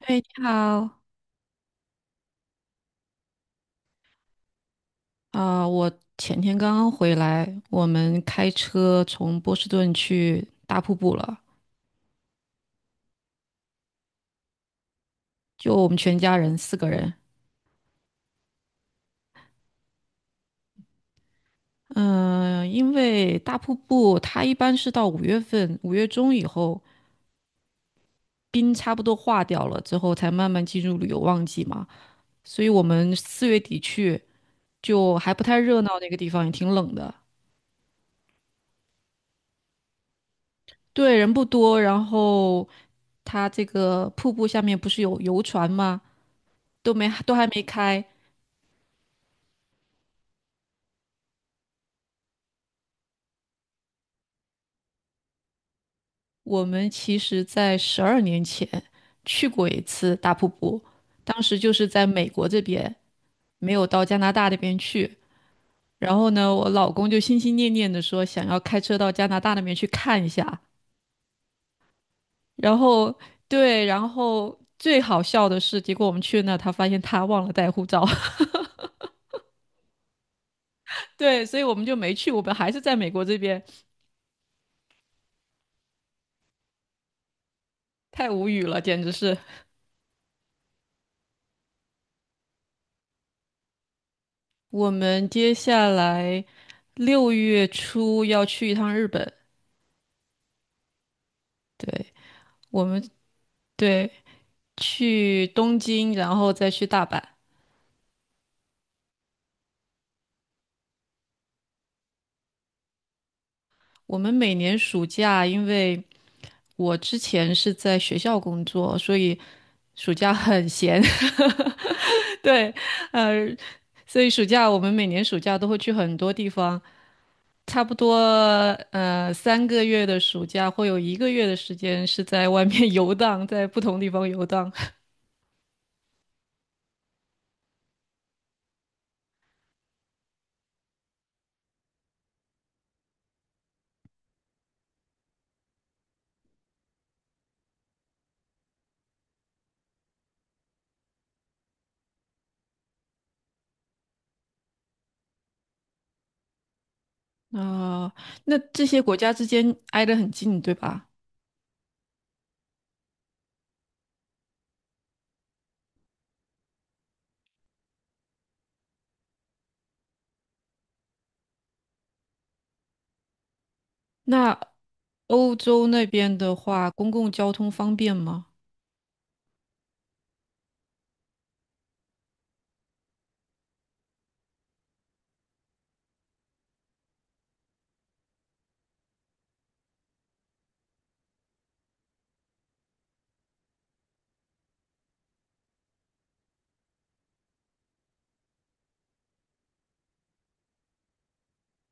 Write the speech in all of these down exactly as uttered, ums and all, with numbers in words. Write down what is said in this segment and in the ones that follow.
哎，你好。啊、我前天刚刚回来，我们开车从波士顿去大瀑布了，就我们全家人四个人。嗯、因为大瀑布它一般是到五月份，五月中以后，冰差不多化掉了之后，才慢慢进入旅游旺季嘛，所以我们四月底去就还不太热闹，那个地方也挺冷的。对，人不多，然后它这个瀑布下面不是有游船吗？都没，都还没开。我们其实在十二年前去过一次大瀑布，当时就是在美国这边，没有到加拿大那边去。然后呢，我老公就心心念念的说想要开车到加拿大那边去看一下。然后对，然后最好笑的是，结果我们去那，他发现他忘了带护照。对，所以我们就没去，我们还是在美国这边，太无语了，简直是。我们接下来六月初要去一趟日本。对，我们对，去东京，然后再去大阪。我们每年暑假，因为我之前是在学校工作，所以暑假很闲。对，呃，所以暑假我们每年暑假都会去很多地方，差不多呃三个月的暑假会有一个月的时间是在外面 游荡，在不同地方游荡。啊、那这些国家之间挨得很近，对吧？那欧洲那边的话，公共交通方便吗？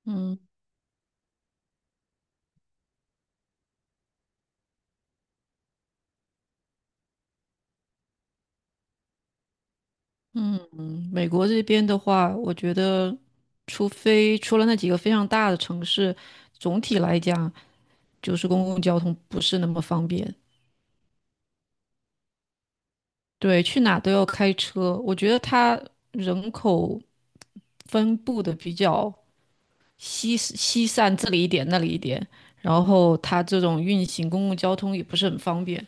嗯。嗯，美国这边的话，我觉得，除非除了那几个非常大的城市，总体来讲，就是公共交通不是那么方便。对，去哪都要开车。我觉得它人口分布的比较稀稀散，这里一点那里一点，然后它这种运行公共交通也不是很方便。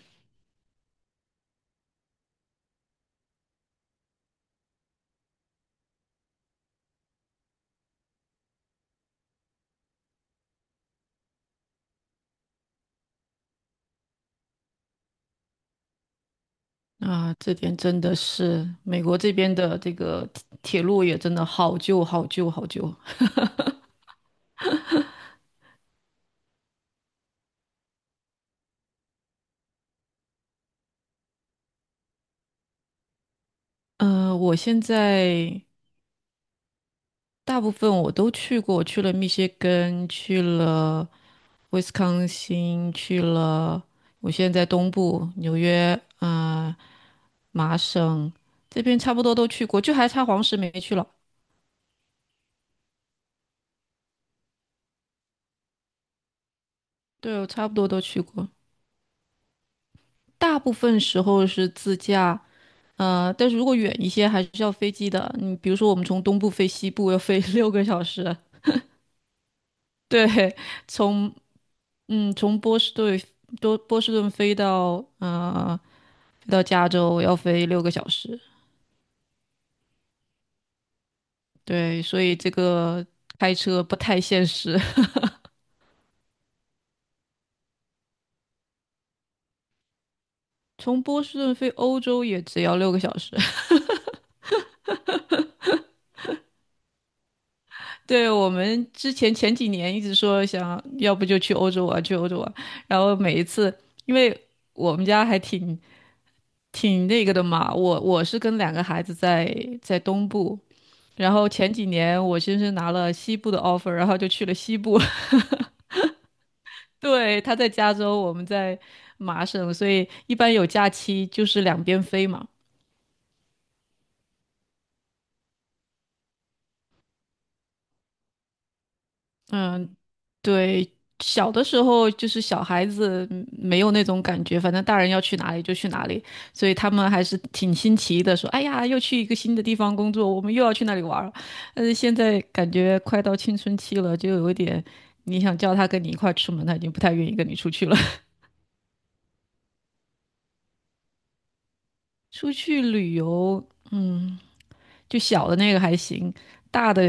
啊，这点真的是美国这边的这个铁铁路也真的好旧、好旧、好旧。呃，我现在大部分我都去过，去了密歇根，去了威斯康星，去了我现在在东部纽约，呃，麻省这边差不多都去过，就还差黄石没去了。对，我差不多都去过，大部分时候是自驾，呃，但是如果远一些，还是要飞机的。你比如说，我们从东部飞西部要飞 六个小时。对，从嗯从波士顿多波士顿飞到呃飞到加州要飞六个小时。对，所以这个开车不太现实。从波士顿飞欧洲也只要六个小时。对，我们之前前几年一直说想要不就去欧洲玩，去欧洲玩，然后每一次因为。我们家还挺挺那个的嘛。我我是跟两个孩子在在东部，然后前几年我先是拿了西部的 offer,然后就去了西部。对，他在加州，我们在麻省，所以一般有假期就是两边飞嘛。嗯，对，小的时候就是小孩子嗯没有那种感觉，反正大人要去哪里就去哪里，所以他们还是挺新奇的，说："哎呀，又去一个新的地方工作，我们又要去那里玩儿。"但是现在感觉快到青春期了，就有一点，你想叫他跟你一块儿出门，他已经不太愿意跟你出去了。出去旅游，嗯，就小的那个还行，大的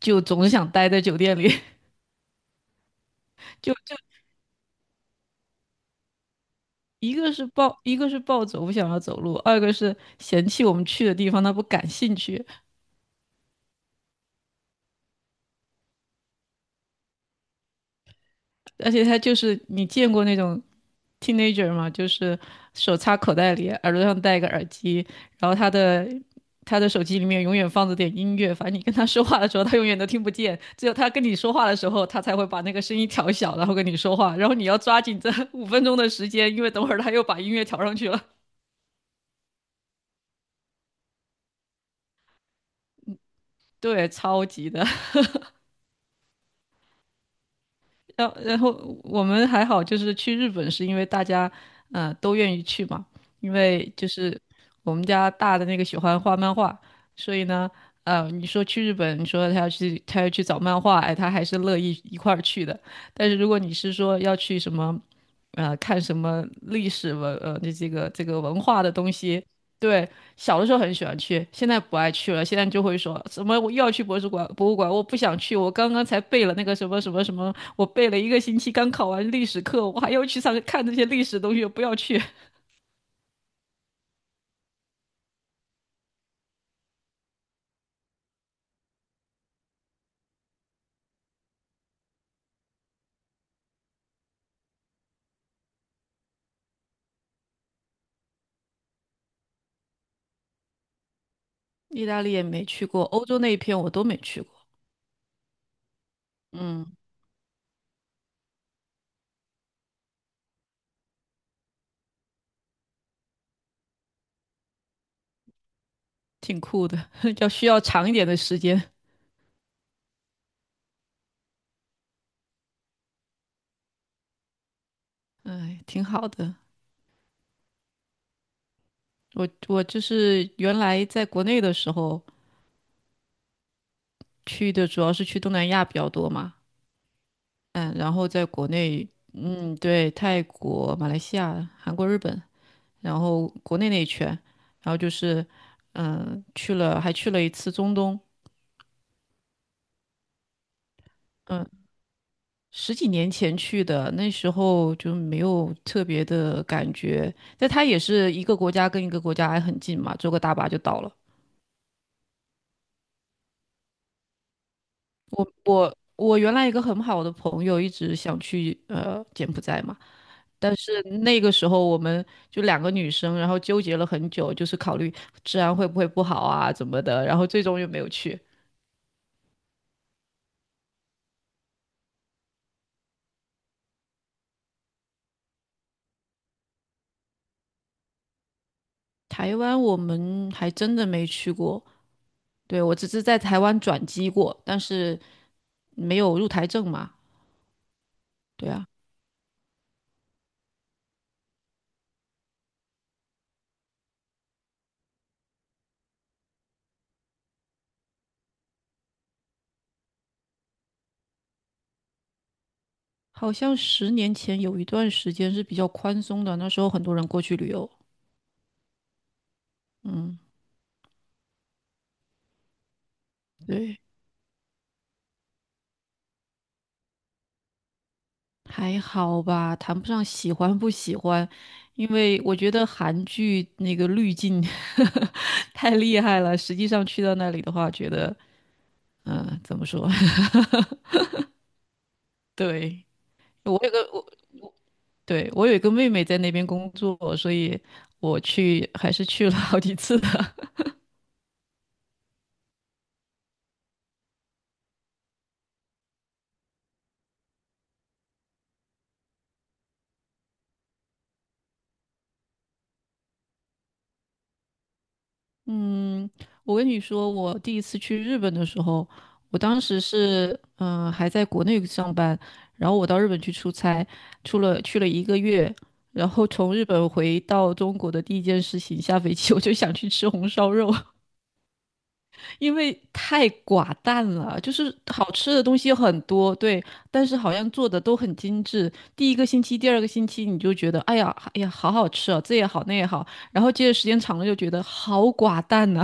就总想待在酒店里。就。一个是暴，一个是暴走不想要走路，二个是嫌弃我们去的地方他不感兴趣，而且他就是你见过那种 teenager 吗？就是手插口袋里，耳朵上戴一个耳机，然后他的他的手机里面永远放着点音乐，反正你跟他说话的时候他永远都听不见，只有他跟你说话的时候他才会把那个声音调小，然后跟你说话，然后你要抓紧这五分钟的时间，因为等会儿他又把音乐调上去了。对，超级的。然后然后我们还好，就是去日本是因为大家呃都愿意去嘛，因为就是我们家大的那个喜欢画漫画，所以呢，呃，你说去日本，你说他要去他要去找漫画，哎，他还是乐意一块儿去的。但是如果你是说要去什么，呃，看什么历史文呃这这个这个文化的东西。对，小的时候很喜欢去，现在不爱去了。现在就会说什么我又要去博物馆，博物馆我不想去，我刚刚才背了那个什么什么什么，我背了一个星期，刚考完历史课，我还要去上看这些历史的东西，我不要去。意大利也没去过，欧洲那一片我都没去过。嗯，挺酷的，要需要长一点的时间。哎，挺好的。我我就是原来在国内的时候去的主要是去东南亚比较多嘛，嗯，然后在国内，嗯，对，泰国、马来西亚、韩国、日本，然后国内那一圈，然后就是，嗯，去了，还去了一次中东，嗯，十几年前去的，那时候就没有特别的感觉，但它也是一个国家跟一个国家还很近嘛，坐个大巴就到了。我我原来一个很好的朋友一直想去呃柬埔寨嘛。但是那个时候我们就两个女生，然后纠结了很久，就是考虑治安会不会不好啊，怎么的，然后最终又没有去。台湾我们还真的没去过，对，我只是在台湾转机过，但是没有入台证嘛。对啊，好像十年前有一段时间是比较宽松的，那时候很多人过去旅游。嗯，对。还好吧，谈不上喜欢不喜欢，因为我觉得韩剧那个滤镜 太厉害了。实际上去到那里的话，觉得嗯、呃怎么说？对，我有个我，对，我有一个妹妹在那边工作，所以我去还是去了好几次的。嗯，我跟你说，我第一次去日本的时候，我当时是嗯、呃还在国内上班，然后我到日本去出差，出了去了一个月，然后从日本回到中国的第一件事情，下飞机 我就想去吃红烧肉，因为太寡淡了，就是好吃的东西很多。对，但是好像做的都很精致。第一个星期、第二个星期你就觉得，哎呀，哎呀，好好吃啊，这也好那也好，然后接着时间长了就觉得好寡淡呐、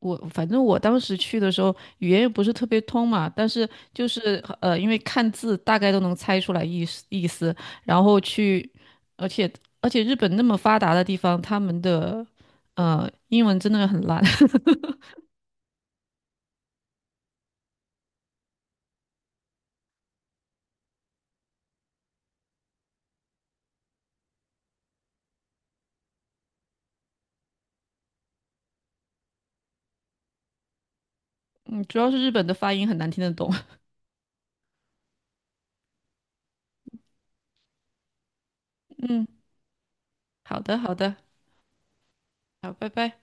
我反正我当时去的时候，语言也不是特别通嘛，但是就是呃，因为看字大概都能猜出来意思意思，然后去，而且而且日本那么发达的地方，他们的呃英文真的很烂，嗯，主要是日本的发音很难听得懂。嗯，好的好的，好，拜拜。